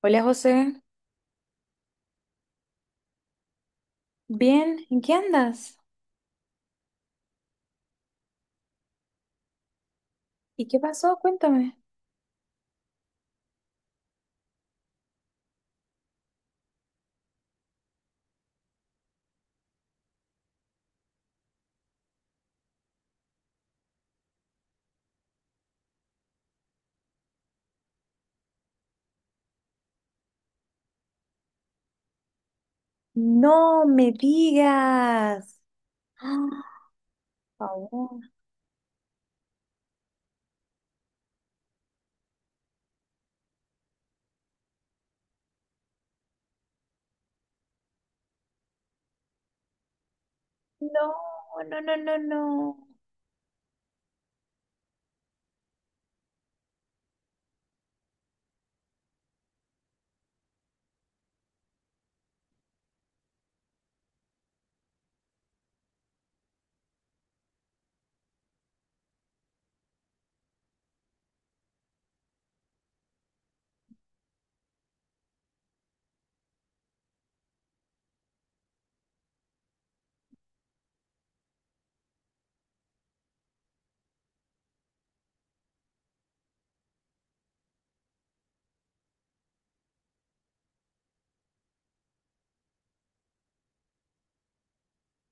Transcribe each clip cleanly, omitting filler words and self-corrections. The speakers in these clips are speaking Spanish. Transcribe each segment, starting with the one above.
Hola José, bien, ¿en qué andas? ¿Y qué pasó? Cuéntame. No me digas. Ah, por favor. No, no, no, no, no.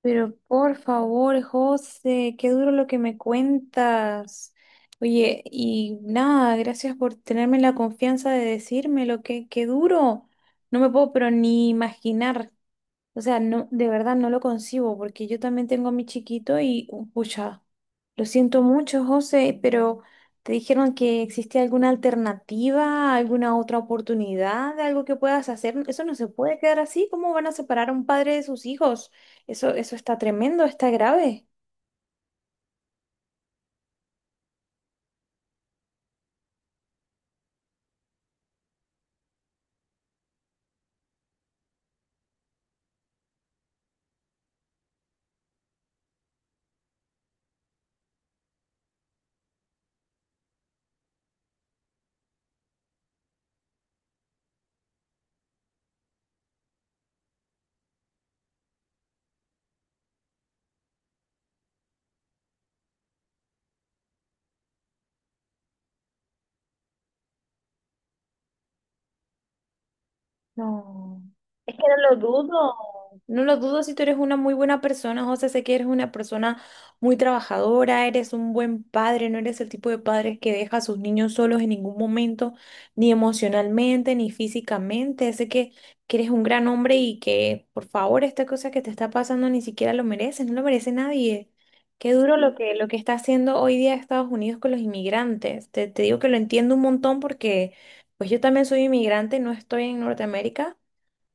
Pero por favor, José, qué duro lo que me cuentas. Oye, y nada, gracias por tenerme la confianza de decírmelo, qué duro. No me puedo pero ni imaginar. O sea, no, de verdad no lo concibo porque yo también tengo a mi chiquito y, pucha, lo siento mucho, José, pero ¿te dijeron que existe alguna alternativa, alguna otra oportunidad de algo que puedas hacer? Eso no se puede quedar así. ¿Cómo van a separar a un padre de sus hijos? Eso está tremendo, está grave. No, es que no lo dudo, no lo dudo si tú eres una muy buena persona, José, sé que eres una persona muy trabajadora, eres un buen padre, no eres el tipo de padre que deja a sus niños solos en ningún momento, ni emocionalmente, ni físicamente, que eres un gran hombre y que, por favor, esta cosa que te está pasando ni siquiera lo mereces, no lo merece nadie. Qué duro lo que está haciendo hoy día Estados Unidos con los inmigrantes. Te digo que lo entiendo un montón porque... Pues yo también soy inmigrante, no estoy en Norteamérica,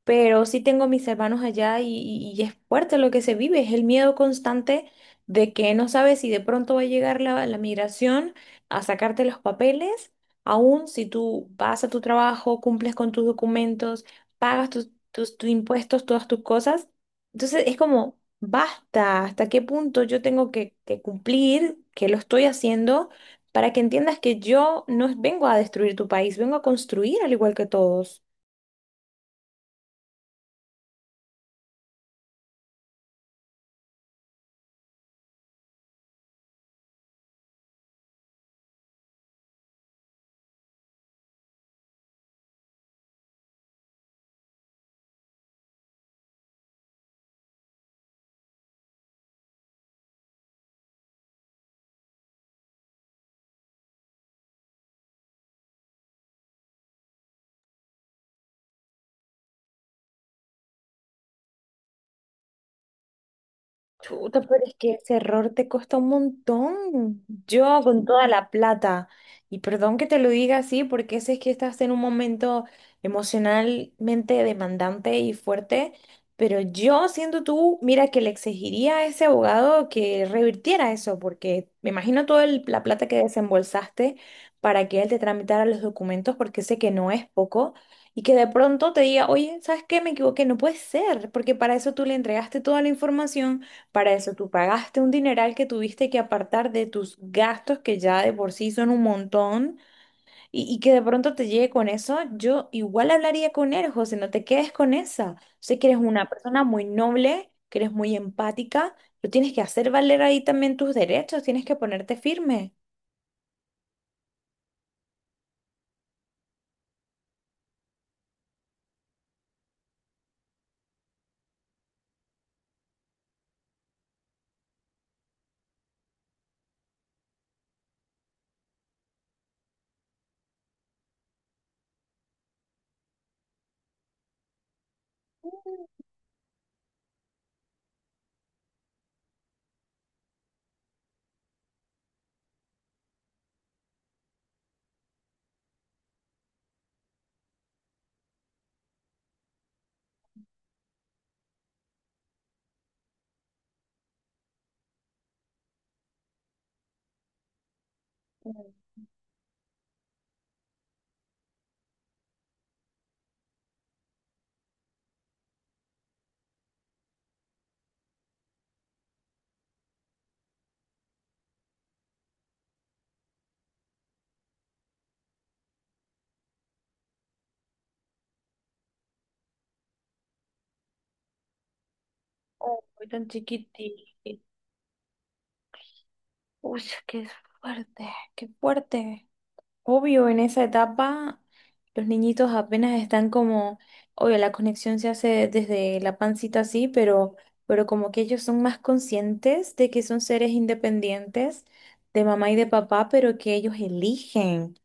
pero sí tengo mis hermanos allá y es fuerte lo que se vive, es el miedo constante de que no sabes si de pronto va a llegar la migración a sacarte los papeles, aun si tú vas a tu trabajo, cumples con tus documentos, pagas tus impuestos, todas tus cosas. Entonces es como, basta, ¿hasta qué punto yo tengo que cumplir, que lo estoy haciendo? Para que entiendas que yo no vengo a destruir tu país, vengo a construir al igual que todos. Chuta, pero es que ese error te cuesta un montón. Yo con toda la plata, y perdón que te lo diga así, porque ese es que estás en un momento emocionalmente demandante y fuerte, pero yo siendo tú, mira que le exigiría a ese abogado que revirtiera eso, porque me imagino toda la plata que desembolsaste para que él te tramitara los documentos, porque sé que no es poco. Y que de pronto te diga, oye, ¿sabes qué? Me equivoqué, no puede ser, porque para eso tú le entregaste toda la información para eso tú pagaste un dineral que tuviste que apartar de tus gastos que ya de por sí son un montón y que de pronto te llegue con eso, yo igual hablaría con él, José, no te quedes con esa. Sé que eres una persona muy noble, que eres muy empática, pero tienes que hacer valer ahí también tus derechos, tienes que ponerte firme. Mm. Oh, tan chiquitito. Uy, qué fuerte, qué fuerte. Obvio, en esa etapa los niñitos apenas están como, obvio, la conexión se hace desde la pancita así, pero como que ellos son más conscientes de que son seres independientes de mamá y de papá, pero que ellos eligen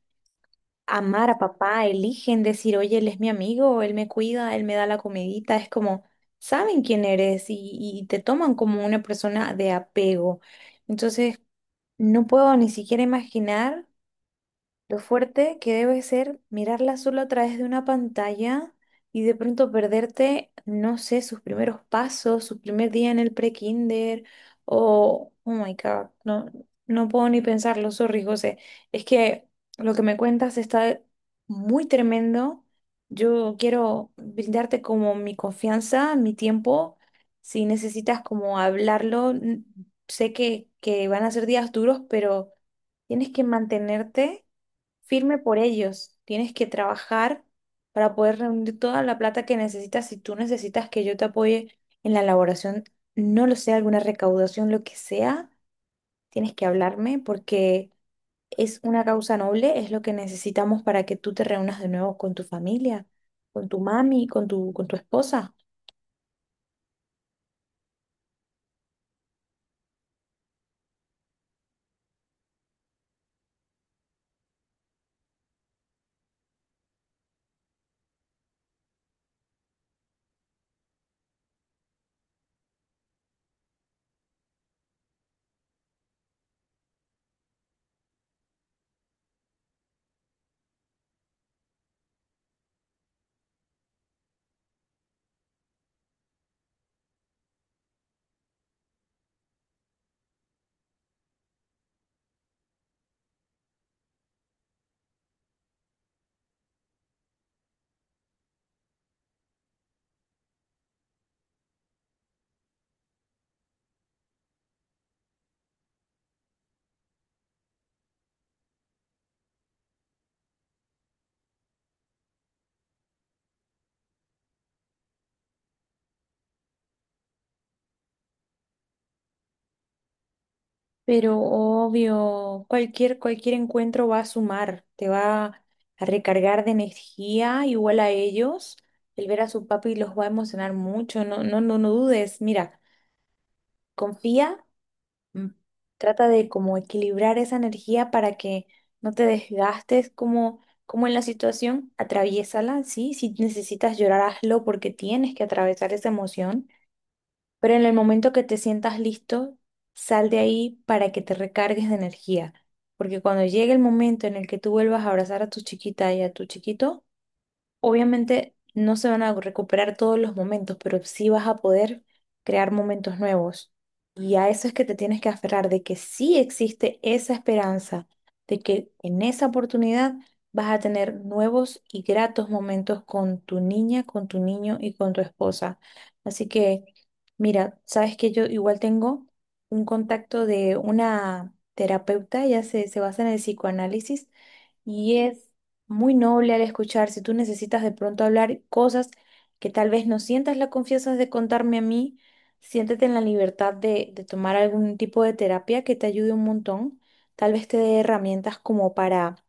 amar a papá, eligen decir, oye, él es mi amigo, él me cuida, él me da la comidita, es como, saben quién eres y te toman como una persona de apego. Entonces, no puedo ni siquiera imaginar. Lo fuerte que debe ser mirarla solo a través de una pantalla y de pronto perderte, no sé, sus primeros pasos, su primer día en el pre-kinder o, oh my God, no, no puedo ni pensarlo, sorry, José. Es que lo que me cuentas está muy tremendo. Yo quiero brindarte como mi confianza, mi tiempo. Si necesitas como hablarlo, sé que van a ser días duros, pero tienes que mantenerte firme por ellos. Tienes que trabajar para poder reunir toda la plata que necesitas. Si tú necesitas que yo te apoye en la elaboración, no lo sé, alguna recaudación, lo que sea, tienes que hablarme porque es una causa noble, es lo que necesitamos para que tú te reúnas de nuevo con tu familia, con tu mami, con tu esposa. Pero obvio, cualquier encuentro va a sumar, te va a recargar de energía, igual a ellos. El ver a su papi los va a emocionar mucho, no, no, no, no dudes. Mira, confía, mm, trata de como equilibrar esa energía para que no te desgastes como, como en la situación, atraviésala, ¿sí? Si necesitas llorar, hazlo porque tienes que atravesar esa emoción pero en el momento que te sientas listo, sal de ahí para que te recargues de energía. Porque cuando llegue el momento en el que tú vuelvas a abrazar a tu chiquita y a tu chiquito, obviamente no se van a recuperar todos los momentos, pero sí vas a poder crear momentos nuevos. Y a eso es que te tienes que aferrar, de que sí existe esa esperanza, de que en esa oportunidad vas a tener nuevos y gratos momentos con tu niña, con tu niño y con tu esposa. Así que, mira, sabes que yo igual tengo un contacto de una terapeuta, se basa en el psicoanálisis y es muy noble al escuchar si tú necesitas de pronto hablar cosas que tal vez no sientas la confianza de contarme a mí, siéntete en la libertad de tomar algún tipo de terapia que te ayude un montón. Tal vez te dé herramientas como para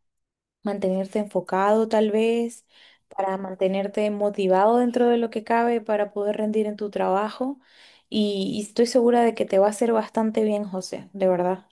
mantenerte enfocado, tal vez, para mantenerte motivado dentro de lo que cabe, para poder rendir en tu trabajo. Y estoy segura de que te va a hacer bastante bien, José, de verdad.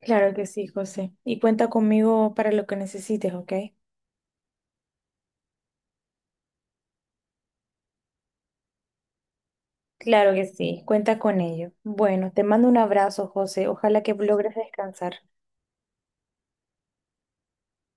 Claro que sí, José. Y cuenta conmigo para lo que necesites, ¿ok? Claro que sí, cuenta con ello. Bueno, te mando un abrazo, José. Ojalá que logres descansar.